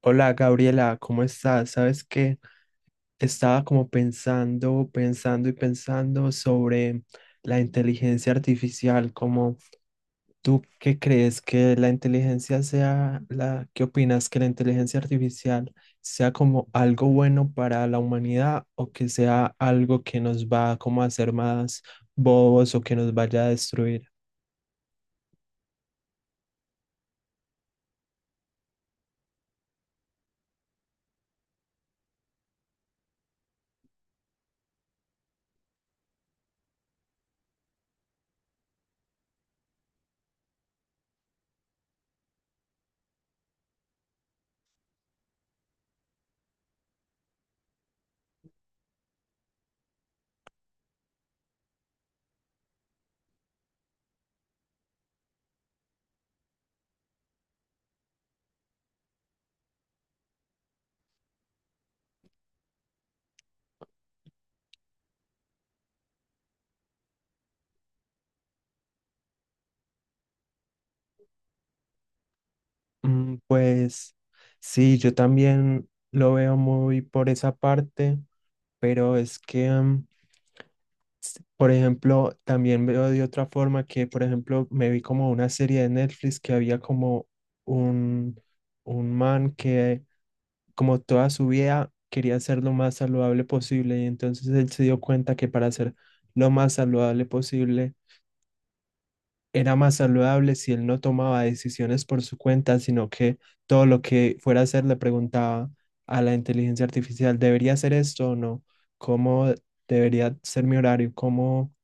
Hola Gabriela, ¿cómo estás? Sabes que estaba como pensando, pensando y pensando sobre la inteligencia artificial, como tú qué crees que la inteligencia sea la, ¿qué opinas que la inteligencia artificial sea como algo bueno para la humanidad o que sea algo que nos va como a hacer más bobos o que nos vaya a destruir? Pues sí, yo también lo veo muy por esa parte, pero es que, por ejemplo, también veo de otra forma que, por ejemplo, me vi como una serie de Netflix que había como un, un man que como toda su vida quería ser lo más saludable posible y entonces él se dio cuenta que para ser lo más saludable posible, era más saludable si él no tomaba decisiones por su cuenta, sino que todo lo que fuera a hacer le preguntaba a la inteligencia artificial. ¿Debería hacer esto o no? ¿Cómo debería ser mi horario? ¿Cómo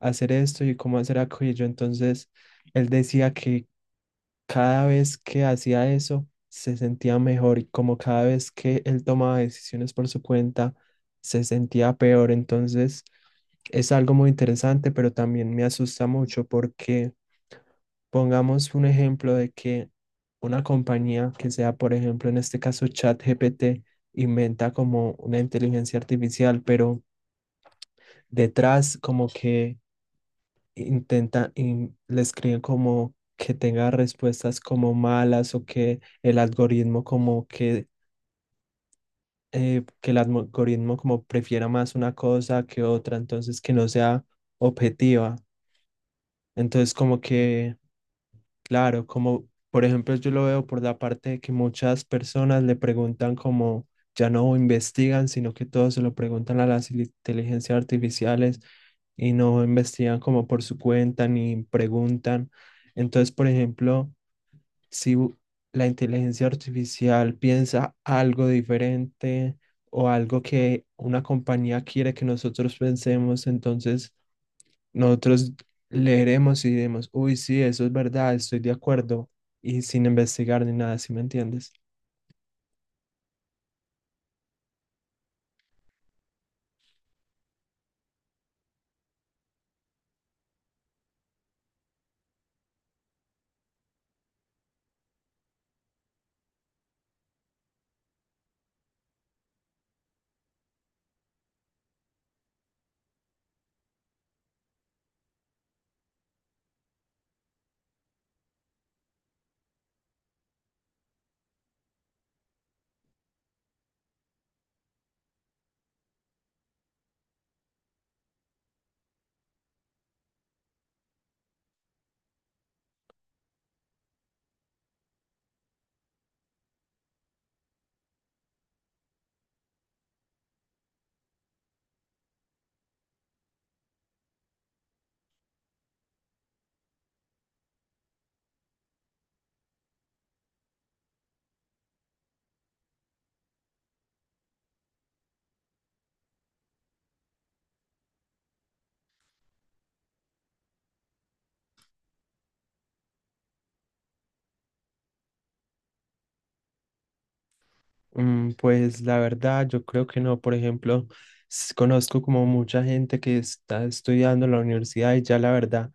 hacer esto y cómo hacer aquello? Entonces, él decía que cada vez que hacía eso, se sentía mejor y como cada vez que él tomaba decisiones por su cuenta, se sentía peor. Entonces, es algo muy interesante, pero también me asusta mucho porque pongamos un ejemplo de que una compañía que sea, por ejemplo, en este caso ChatGPT, inventa como una inteligencia artificial, pero detrás como que le escriben como que tenga respuestas como malas o que el algoritmo como que el algoritmo como prefiera más una cosa que otra, entonces que no sea objetiva. Entonces como que claro, como por ejemplo yo lo veo por la parte de que muchas personas le preguntan como ya no investigan, sino que todos se lo preguntan a las inteligencias artificiales y no investigan como por su cuenta ni preguntan. Entonces, por ejemplo, si u- la inteligencia artificial piensa algo diferente o algo que una compañía quiere que nosotros pensemos, entonces nosotros leeremos y diremos, uy, sí, eso es verdad, estoy de acuerdo, y sin investigar ni nada, ¿si me entiendes? Pues la verdad, yo creo que no. Por ejemplo, conozco como mucha gente que está estudiando en la universidad y ya la verdad,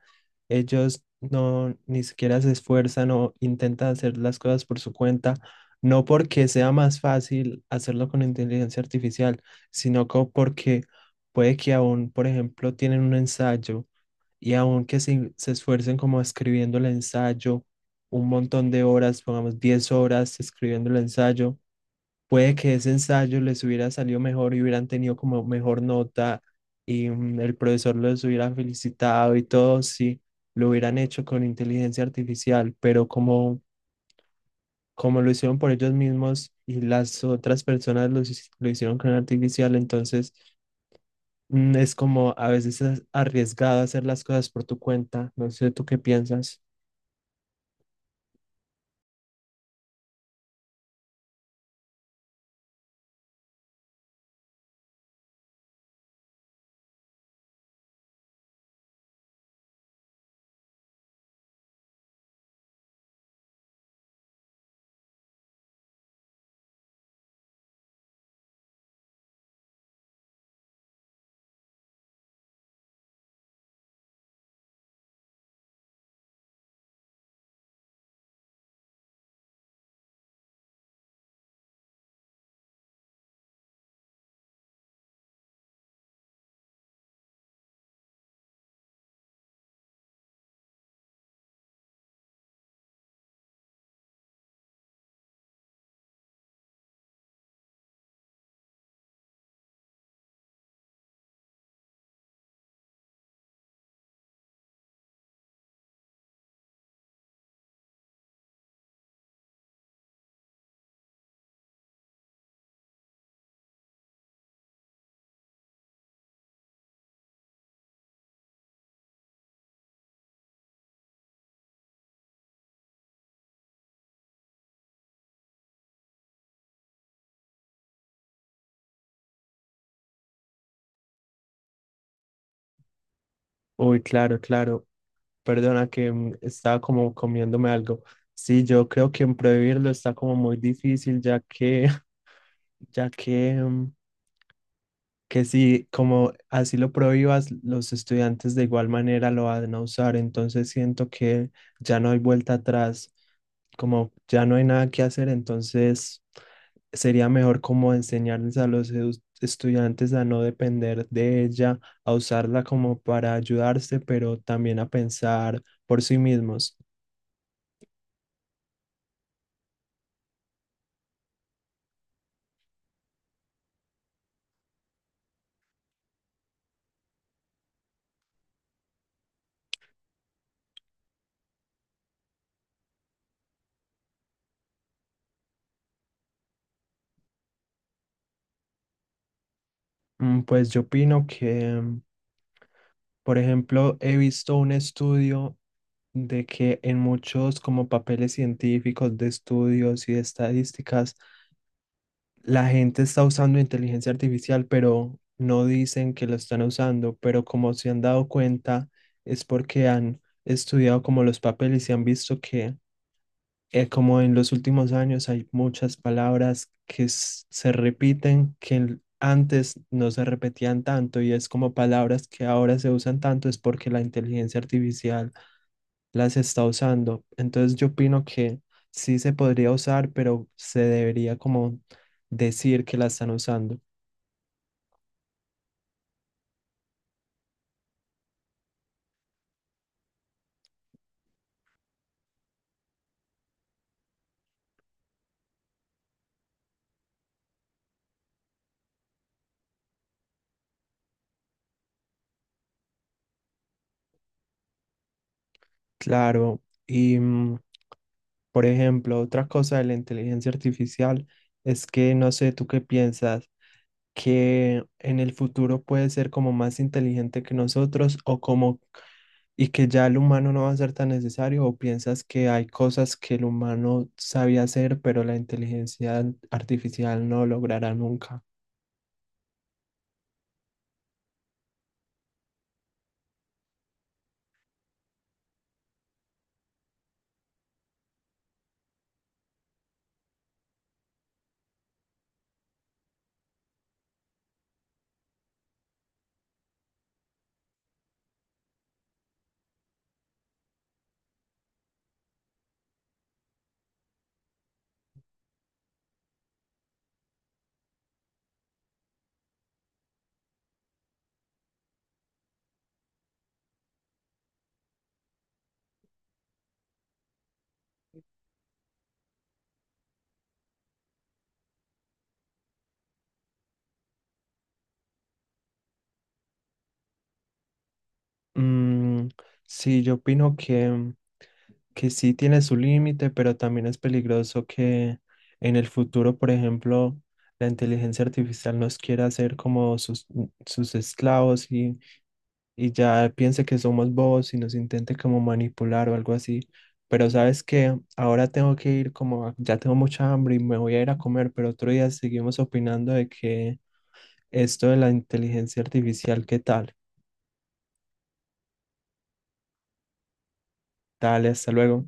ellos no ni siquiera se esfuerzan o intentan hacer las cosas por su cuenta, no porque sea más fácil hacerlo con inteligencia artificial, porque puede que aún, por ejemplo, tienen un ensayo y aunque se esfuercen como escribiendo el ensayo un montón de horas, pongamos 10 horas escribiendo el ensayo, puede que ese ensayo les hubiera salido mejor y hubieran tenido como mejor nota y el profesor los hubiera felicitado y todo si lo hubieran hecho con inteligencia artificial, pero como, como lo hicieron por ellos mismos y las otras personas lo hicieron con artificial, entonces... Es como a veces es arriesgado hacer las cosas por tu cuenta. No sé, ¿tú qué piensas? Uy, claro, claro. Perdona que estaba como comiéndome algo. Sí, yo creo que en prohibirlo está como muy difícil, ya que, ya que, que si como así lo prohíbas, los estudiantes de igual manera lo van a usar. Entonces siento que ya no hay vuelta atrás, como ya no hay nada que hacer, entonces sería mejor como enseñarles a los estudiantes a no depender de ella, a usarla como para ayudarse, pero también a pensar por sí mismos. Pues yo opino que, por ejemplo, he visto un estudio de que en muchos como papeles científicos de estudios y de estadísticas la gente está usando inteligencia artificial, pero no dicen que lo están usando, pero como se han dado cuenta, es porque han estudiado como los papeles y han visto que como en los últimos años hay muchas palabras que se repiten, que antes no se repetían tanto y es como palabras que ahora se usan tanto, es porque la inteligencia artificial las está usando. Entonces yo opino que sí se podría usar, pero se debería como decir que la están usando. Claro, y por ejemplo, otra cosa de la inteligencia artificial es que no sé, ¿tú qué piensas? Que en el futuro puede ser como más inteligente que nosotros o como y que ya el humano no va a ser tan necesario o piensas que hay cosas que el humano sabía hacer pero la inteligencia artificial no logrará nunca. Mm, sí, yo opino que sí tiene su límite, pero también es peligroso que en el futuro, por ejemplo, la inteligencia artificial nos quiera hacer como sus esclavos y ya piense que somos bobos y nos intente como manipular o algo así. Pero sabes que ahora tengo que ir como, a- ya tengo mucha hambre y me voy a ir a comer, pero otro día seguimos opinando de que esto de la inteligencia artificial, ¿qué tal? Dale, hasta luego.